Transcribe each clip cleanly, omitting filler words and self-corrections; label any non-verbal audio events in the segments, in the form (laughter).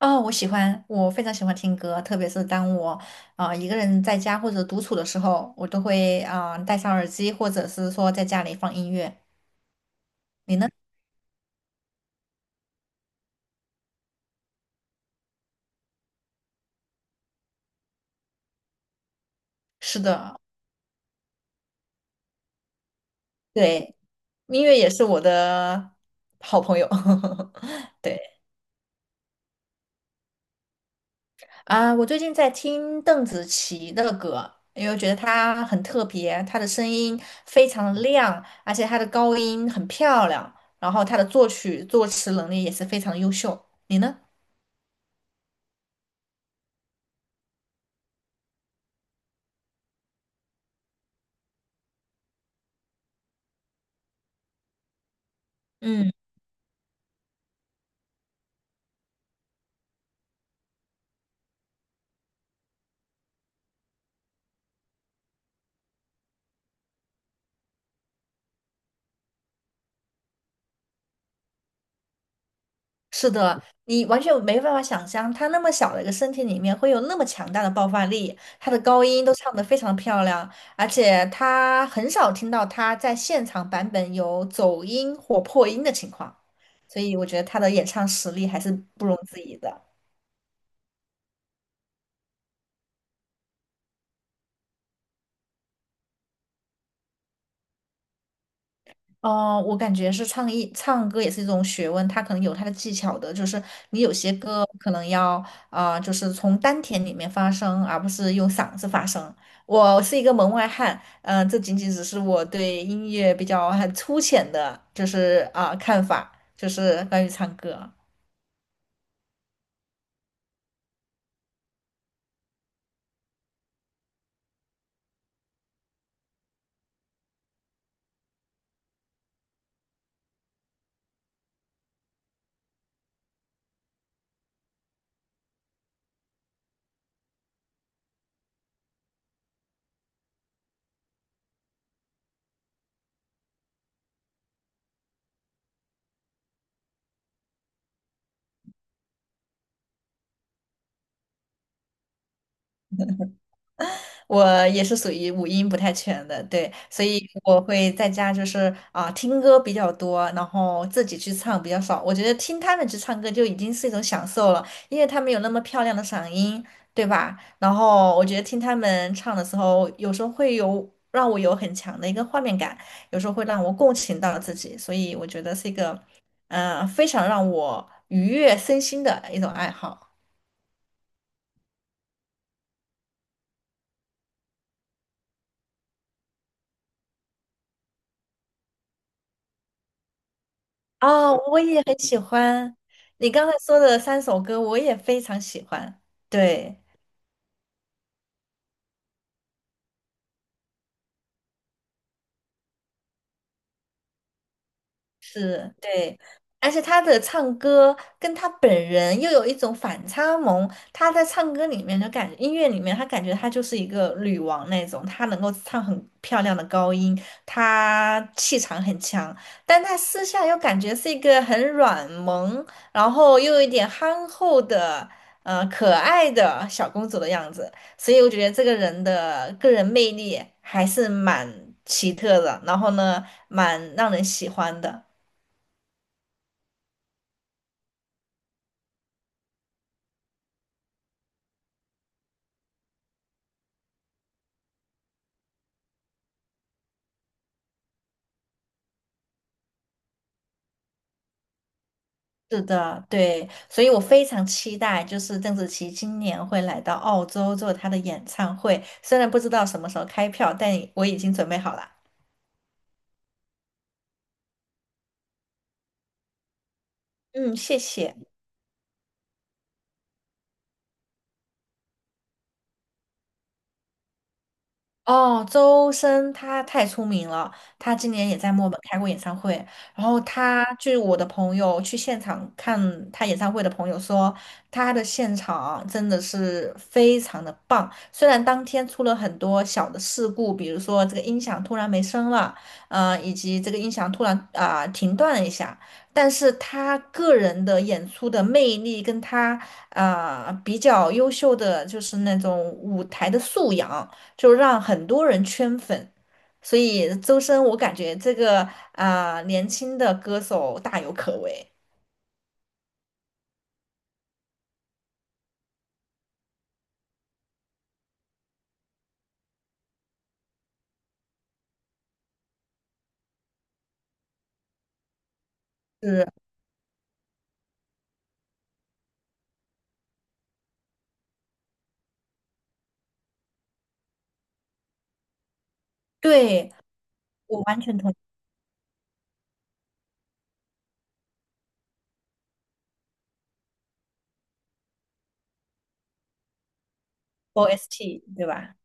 哦，我喜欢，我非常喜欢听歌，特别是当我一个人在家或者独处的时候，我都会戴上耳机，或者是说在家里放音乐。你呢？是的，对，音乐也是我的好朋友。(laughs) 对我最近在听邓紫棋的歌，因为我觉得她很特别，她的声音非常的亮，而且她的高音很漂亮，然后她的作曲作词能力也是非常优秀。你呢？嗯。是的，你完全没办法想象，他那么小的一个身体里面会有那么强大的爆发力，他的高音都唱得非常漂亮，而且他很少听到他在现场版本有走音或破音的情况，所以我觉得他的演唱实力还是不容置疑的。哦，我感觉是唱一唱歌也是一种学问，它可能有它的技巧的，就是你有些歌可能要就是从丹田里面发声，而不是用嗓子发声。我是一个门外汉，嗯、这仅仅只是我对音乐比较很粗浅的，就是看法，就是关于唱歌。我也是属于五音不太全的，对，所以我会在家就是听歌比较多，然后自己去唱比较少。我觉得听他们去唱歌就已经是一种享受了，因为他们有那么漂亮的嗓音，对吧？然后我觉得听他们唱的时候，有时候会有让我有很强的一个画面感，有时候会让我共情到自己，所以我觉得是一个非常让我愉悦身心的一种爱好。哦，我也很喜欢你刚才说的三首歌，我也非常喜欢。对。是，对，而且他的唱歌跟他本人又有一种反差萌。他在唱歌里面就感觉，音乐里面他感觉他就是一个女王那种，他能够唱很漂亮的高音，他气场很强，但他私下又感觉是一个很软萌，然后又有一点憨厚的，呃，可爱的小公主的样子。所以我觉得这个人的个人魅力还是蛮奇特的，然后呢，蛮让人喜欢的。是的，对，所以我非常期待，就是邓紫棋今年会来到澳洲做她的演唱会，虽然不知道什么时候开票，但我已经准备好了。嗯，谢谢。哦，周深他太出名了，他今年也在墨尔本开过演唱会。然后他，据我的朋友去现场看他演唱会的朋友说，他的现场真的是非常的棒。虽然当天出了很多小的事故，比如说这个音响突然没声了，呃，以及这个音响突然停断了一下，但是他个人的演出的魅力跟他比较优秀的就是那种舞台的素养。就让很多人圈粉。所以周深，我感觉这个年轻的歌手大有可为。是，对，我完全同意 OST，对吧？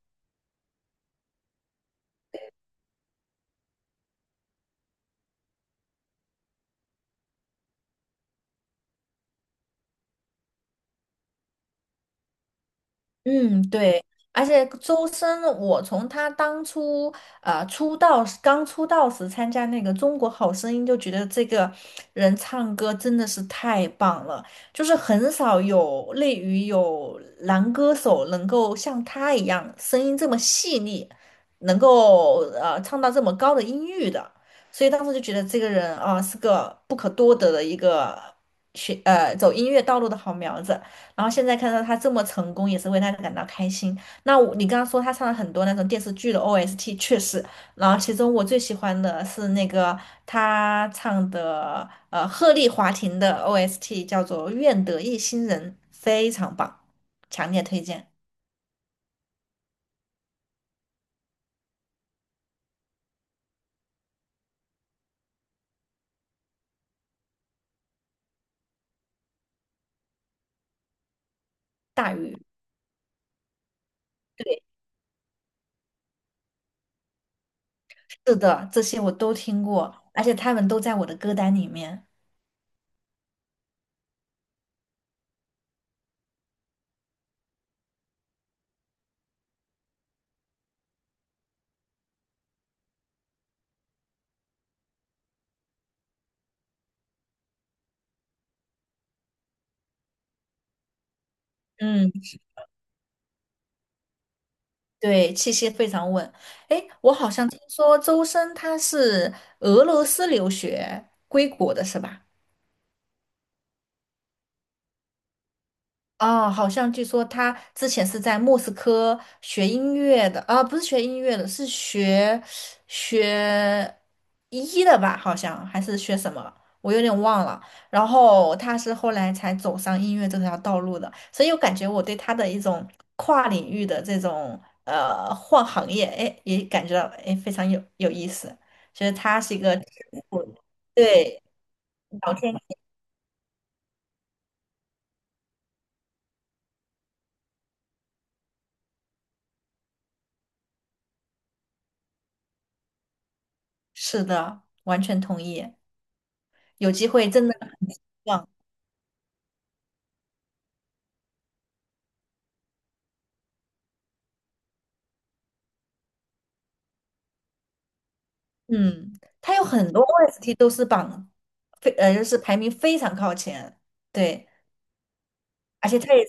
嗯，对，而且周深，我从他当初出道时刚出道时参加那个《中国好声音》，就觉得这个人唱歌真的是太棒了，就是很少有类于有男歌手能够像他一样声音这么细腻，能够唱到这么高的音域的，所以当时就觉得这个人是个不可多得的一个走音乐道路的好苗子。然后现在看到他这么成功，也是为他感到开心。那我你刚刚说他唱了很多那种电视剧的 OST，确实，然后其中我最喜欢的是那个他唱的鹤唳华亭的 OST，叫做《愿得一心人》，非常棒，强烈推荐。大鱼，是的，这些我都听过，而且他们都在我的歌单里面。嗯，对，气息非常稳。诶，我好像听说周深他是俄罗斯留学归国的，是吧？哦，好像据说他之前是在莫斯科学音乐的，啊，不是学音乐的，是学学医的吧？好像还是学什么，我有点忘了。然后他是后来才走上音乐这条道路的，所以我感觉我对他的一种跨领域的这种换行业，哎，也感觉到哎非常有意思，觉得他是一个 (laughs) 天赋对，聊天是的，完全同意。有机会真的。嗯，它有很多 OST 都是榜非呃，就是排名非常靠前，对，而且它也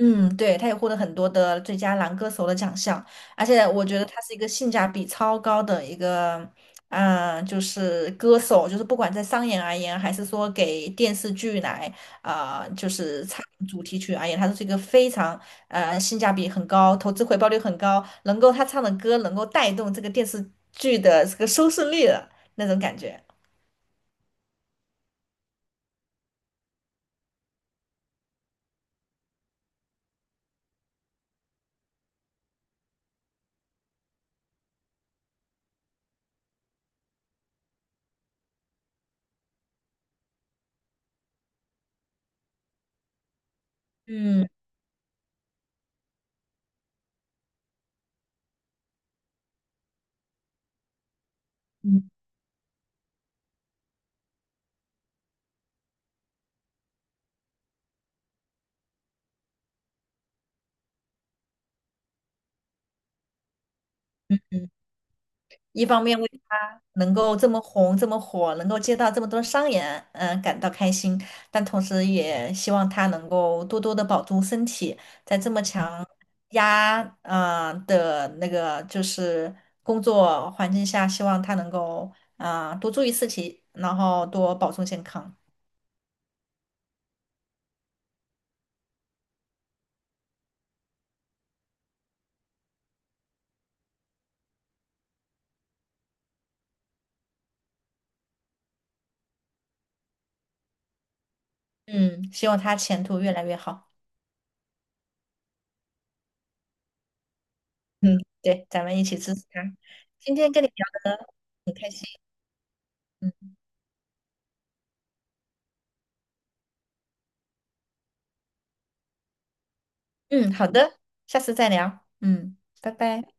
嗯，对，它也获得很多的最佳男歌手的奖项，而且我觉得他是一个性价比超高的一个，嗯、就是歌手，就是不管在商演而言，还是说给电视剧来，就是唱主题曲而言，他都是一个非常性价比很高、投资回报率很高，能够他唱的歌能够带动这个电视剧的这个收视率的那种感觉。嗯。嗯。嗯，一方面为他能够这么红、这么火，能够接到这么多商演，嗯、感到开心，但同时也希望他能够多多的保重身体，在这么强压的那个就是工作环境下，希望他能够多注意自己，然后多保重健康。嗯，希望他前途越来越好。嗯，对，咱们一起支持他。今天跟你聊得很开心。嗯。嗯，好的，下次再聊。嗯，拜拜。